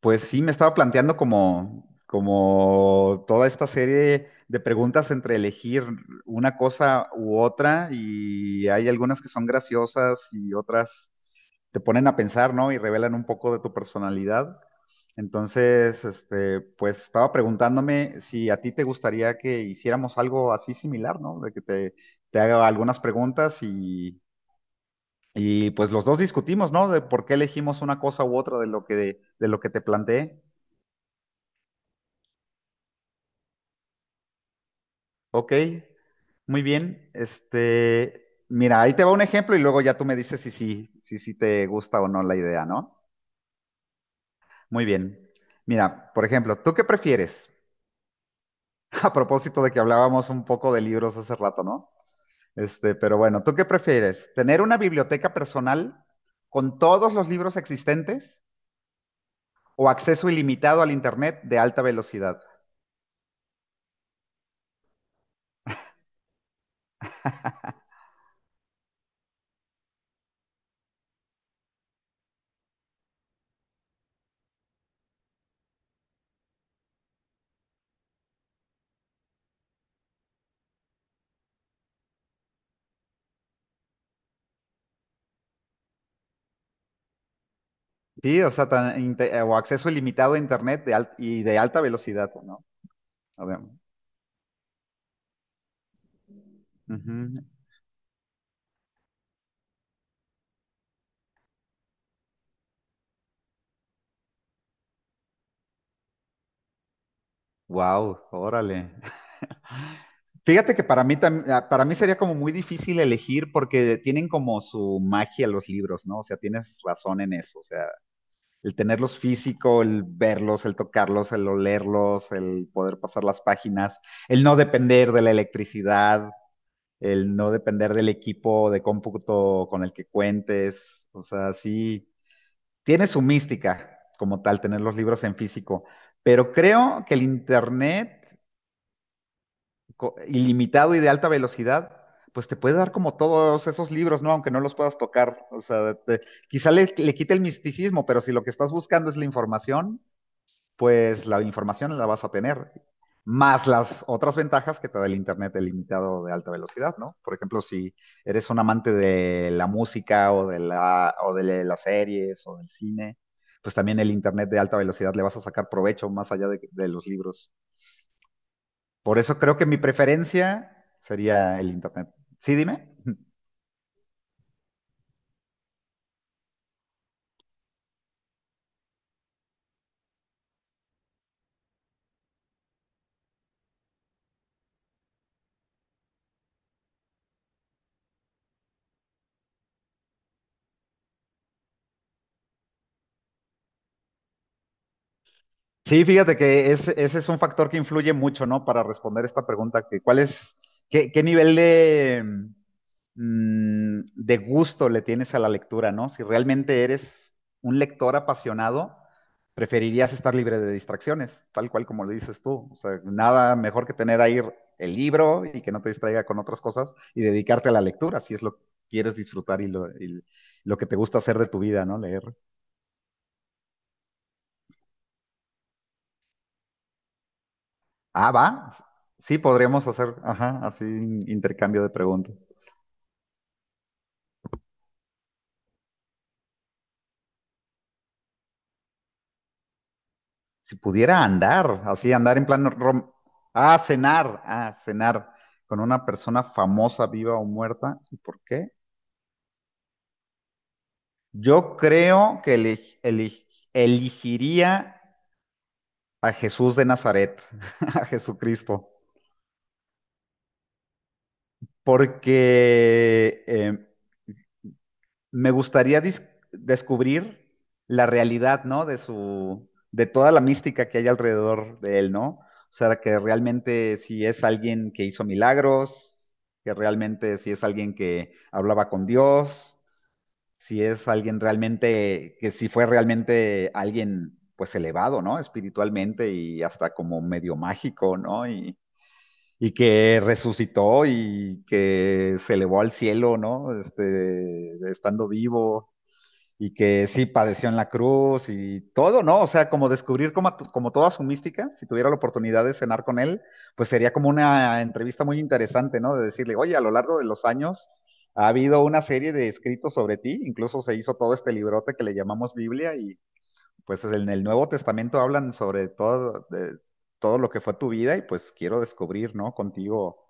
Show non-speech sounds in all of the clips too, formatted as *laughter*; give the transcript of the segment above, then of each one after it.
Pues sí, me estaba planteando como toda esta serie de preguntas entre elegir una cosa u otra, y hay algunas que son graciosas y otras te ponen a pensar, ¿no? Y revelan un poco de tu personalidad. Entonces, pues estaba preguntándome si a ti te gustaría que hiciéramos algo así similar, ¿no? De que te haga algunas preguntas, y pues los dos discutimos, ¿no? De por qué elegimos una cosa u otra de lo de lo que te planteé. Ok, muy bien. Mira, ahí te va un ejemplo y luego ya tú me dices si sí, si sí te gusta o no la idea, ¿no? Muy bien. Mira, por ejemplo, ¿tú qué prefieres? *laughs* A propósito de que hablábamos un poco de libros hace rato, ¿no? Pero bueno, ¿tú qué prefieres? ¿Tener una biblioteca personal con todos los libros existentes o acceso ilimitado al Internet de alta velocidad? Sí, o sea, o acceso ilimitado a Internet y de alta velocidad, ¿no? A ver, ujú. Wow, órale. Fíjate que para mí sería como muy difícil elegir porque tienen como su magia los libros, ¿no? O sea, tienes razón en eso. O sea, el tenerlos físico, el verlos, el tocarlos, el olerlos, el poder pasar las páginas, el no depender de la electricidad, el no depender del equipo de cómputo con el que cuentes. O sea, sí, tiene su mística como tal tener los libros en físico. Pero creo que el internet ilimitado y de alta velocidad, pues te puede dar como todos esos libros, ¿no? Aunque no los puedas tocar. O sea, quizá le quite el misticismo, pero si lo que estás buscando es la información, pues la información la vas a tener. Más las otras ventajas que te da el Internet ilimitado de alta velocidad, ¿no? Por ejemplo, si eres un amante de la música o de o de las series o del cine, pues también el Internet de alta velocidad le vas a sacar provecho más allá de los libros. Por eso creo que mi preferencia sería el internet. Sí, dime. Sí, fíjate que ese es un factor que influye mucho, ¿no? Para responder esta pregunta, que cuál es, qué nivel de, de gusto le tienes a la lectura, ¿no? Si realmente eres un lector apasionado, preferirías estar libre de distracciones, tal cual como lo dices tú. O sea, nada mejor que tener ahí el libro y que no te distraiga con otras cosas y dedicarte a la lectura, si es lo que quieres disfrutar y y lo que te gusta hacer de tu vida, ¿no? Leer. Ah, va. Sí, podríamos hacer, ajá, así intercambio de preguntas. Si pudiera andar, así andar en plan rom- ah, cenar con una persona famosa, viva o muerta, ¿y por qué? Yo creo que elegiría a Jesús de Nazaret, *laughs* a Jesucristo, porque me gustaría descubrir la realidad, ¿no? De de toda la mística que hay alrededor de él, ¿no? O sea, que realmente si es alguien que hizo milagros, que realmente si es alguien que hablaba con Dios, si es alguien realmente, que si fue realmente alguien, pues elevado, ¿no? Espiritualmente y hasta como medio mágico, ¿no? Y que resucitó y que se elevó al cielo, ¿no? Estando vivo y que sí padeció en la cruz y todo, ¿no? O sea, como descubrir como toda su mística, si tuviera la oportunidad de cenar con él, pues sería como una entrevista muy interesante, ¿no? De decirle, oye, a lo largo de los años ha habido una serie de escritos sobre ti, incluso se hizo todo este librote que le llamamos Biblia, y pues en el Nuevo Testamento hablan sobre todo, de, todo lo que fue tu vida, y pues quiero descubrir, ¿no? Contigo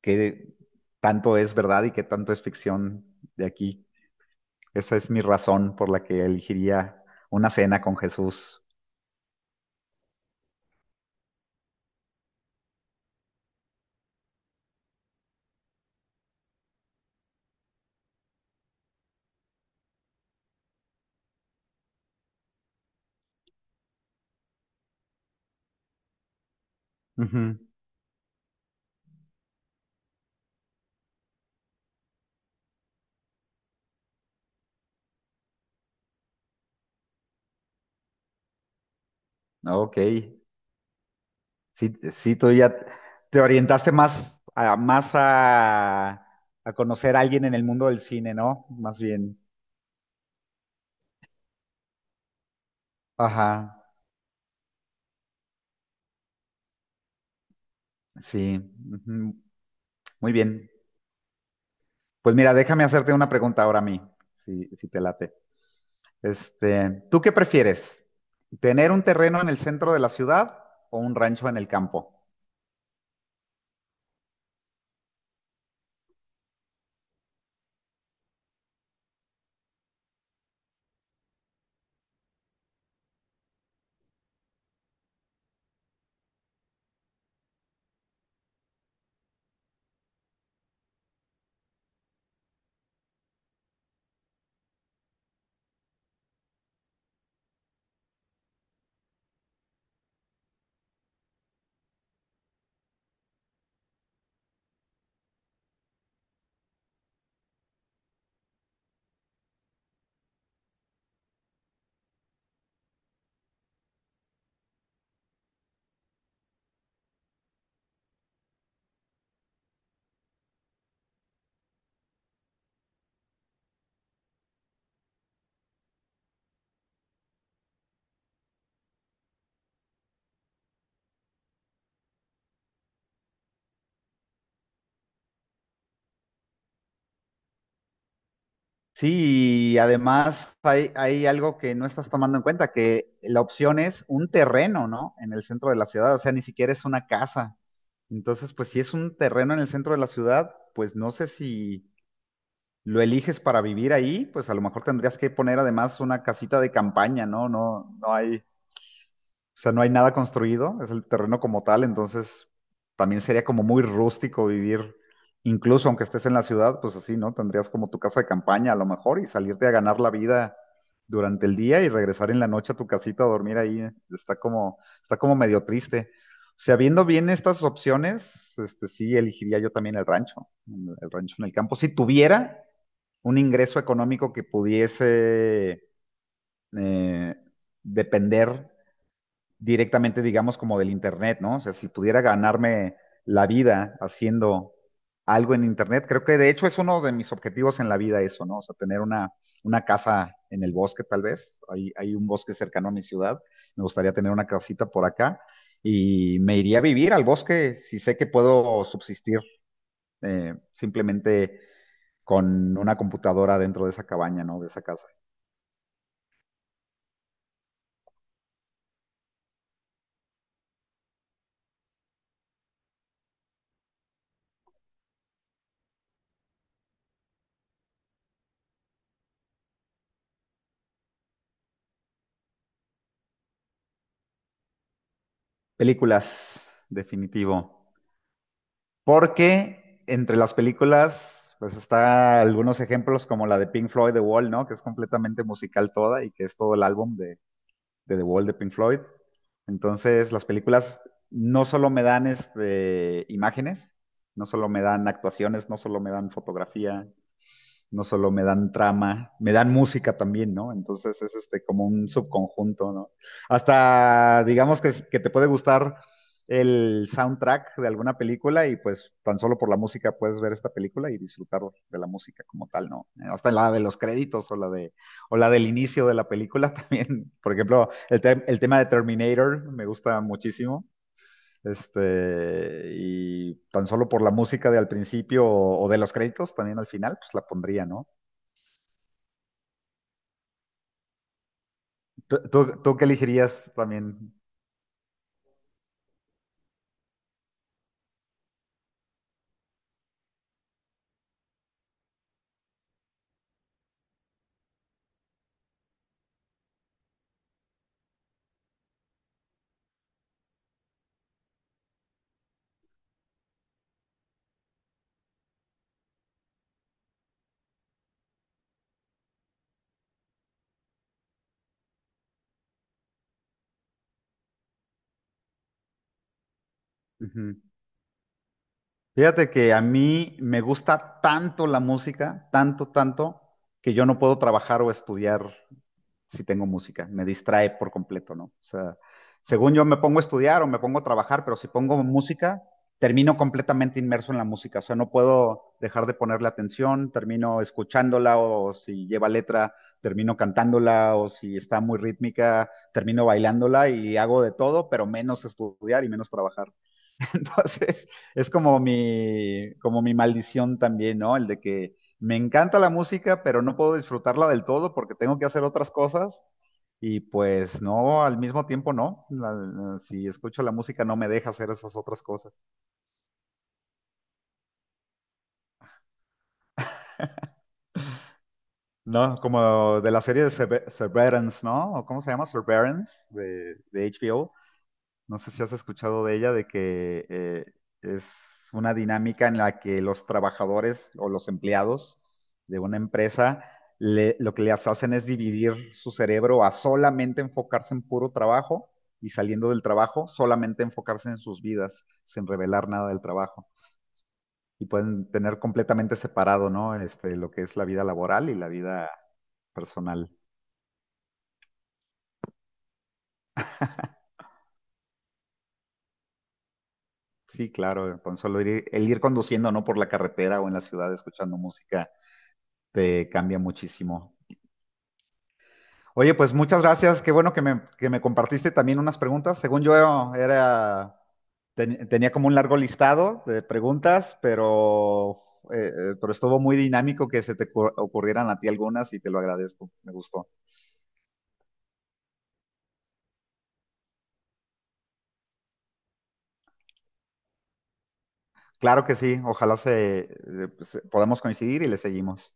qué tanto es verdad y qué tanto es ficción de aquí. Esa es mi razón por la que elegiría una cena con Jesús. Ujú. Ok, sí, sí, tú ya te orientaste más más a conocer a alguien en el mundo del cine, ¿no? Más bien. Ajá, sí. Ujú, muy bien. Pues mira, déjame hacerte una pregunta ahora a mí, si te late. ¿Tú qué prefieres? ¿Tener un terreno en el centro de la ciudad o un rancho en el campo? Sí, y además hay algo que no estás tomando en cuenta, que la opción es un terreno, ¿no? En el centro de la ciudad, o sea, ni siquiera es una casa. Entonces, pues si es un terreno en el centro de la ciudad, pues no sé si lo eliges para vivir ahí, pues a lo mejor tendrías que poner además una casita de campaña, ¿no? No hay o sea, no hay nada construido, es el terreno como tal, entonces también sería como muy rústico vivir, incluso aunque estés en la ciudad, pues así, ¿no? Tendrías como tu casa de campaña a lo mejor y salirte a ganar la vida durante el día y regresar en la noche a tu casita a dormir ahí. Está como, está como medio triste. O sea, viendo bien estas opciones, sí elegiría yo también el rancho en el campo. Si tuviera un ingreso económico que pudiese eh, depender directamente, digamos, como del Internet, ¿no? O sea, si pudiera ganarme la vida haciendo algo en Internet, creo que de hecho es uno de mis objetivos en la vida eso, ¿no? O sea, tener una casa en el bosque tal vez, hay un bosque cercano a mi ciudad, me gustaría tener una casita por acá y me iría a vivir al bosque si sé que puedo subsistir simplemente con una computadora dentro de esa cabaña, ¿no? De esa casa. Películas, definitivo. Porque entre las películas, pues está algunos ejemplos como la de Pink Floyd, The Wall, ¿no? Que es completamente musical toda y que es todo el álbum de The Wall de Pink Floyd. Entonces, las películas no solo me dan este, imágenes, no solo me dan actuaciones, no solo me dan fotografía, no solo me dan trama, me dan música también, ¿no? Entonces es este como un subconjunto, ¿no? Hasta digamos que te puede gustar el soundtrack de alguna película y pues tan solo por la música puedes ver esta película y disfrutar de la música como tal, ¿no? Hasta la de los créditos o la de o la del inicio de la película *laughs* también. Por ejemplo, el tema de Terminator me gusta muchísimo. Y tan solo por la música de al principio de los créditos también al final, pues la pondría, ¿no? ¿Tú qué elegirías también? Ujú. Fíjate que a mí me gusta tanto la música, tanto, tanto, que yo no puedo trabajar o estudiar si tengo música. Me distrae por completo, ¿no? O sea, según yo me pongo a estudiar o me pongo a trabajar, pero si pongo música, termino completamente inmerso en la música. O sea, no puedo dejar de ponerle atención, termino escuchándola o si lleva letra, termino cantándola o si está muy rítmica, termino bailándola y hago de todo, pero menos estudiar y menos trabajar. *laughs* Entonces, es como mi maldición también, ¿no? El de que me encanta la música, pero no puedo disfrutarla del todo porque tengo que hacer otras cosas. Y pues no, al mismo tiempo no. Si escucho la música no me deja hacer esas otras cosas. No, como de la serie de Severance, ¿no? ¿O ¿Cómo se llama? Severance de HBO. No sé si has escuchado de ella, de que es una dinámica en la que los trabajadores o los empleados de una empresa lo que les hacen es dividir su cerebro a solamente enfocarse en puro trabajo, y saliendo del trabajo, solamente enfocarse en sus vidas, sin revelar nada del trabajo. Y pueden tener completamente separado, ¿no? Lo que es la vida laboral y la vida personal. Sí, claro, con solo ir, el ir conduciendo, ¿no? Por la carretera o en la ciudad escuchando música te cambia muchísimo. Oye, pues muchas gracias. Qué bueno que que me compartiste también unas preguntas. Según yo era, tenía como un largo listado de preguntas, pero estuvo muy dinámico que se te ocurrieran a ti algunas y te lo agradezco. Me gustó. Claro que sí. Ojalá pues, podamos coincidir y le seguimos.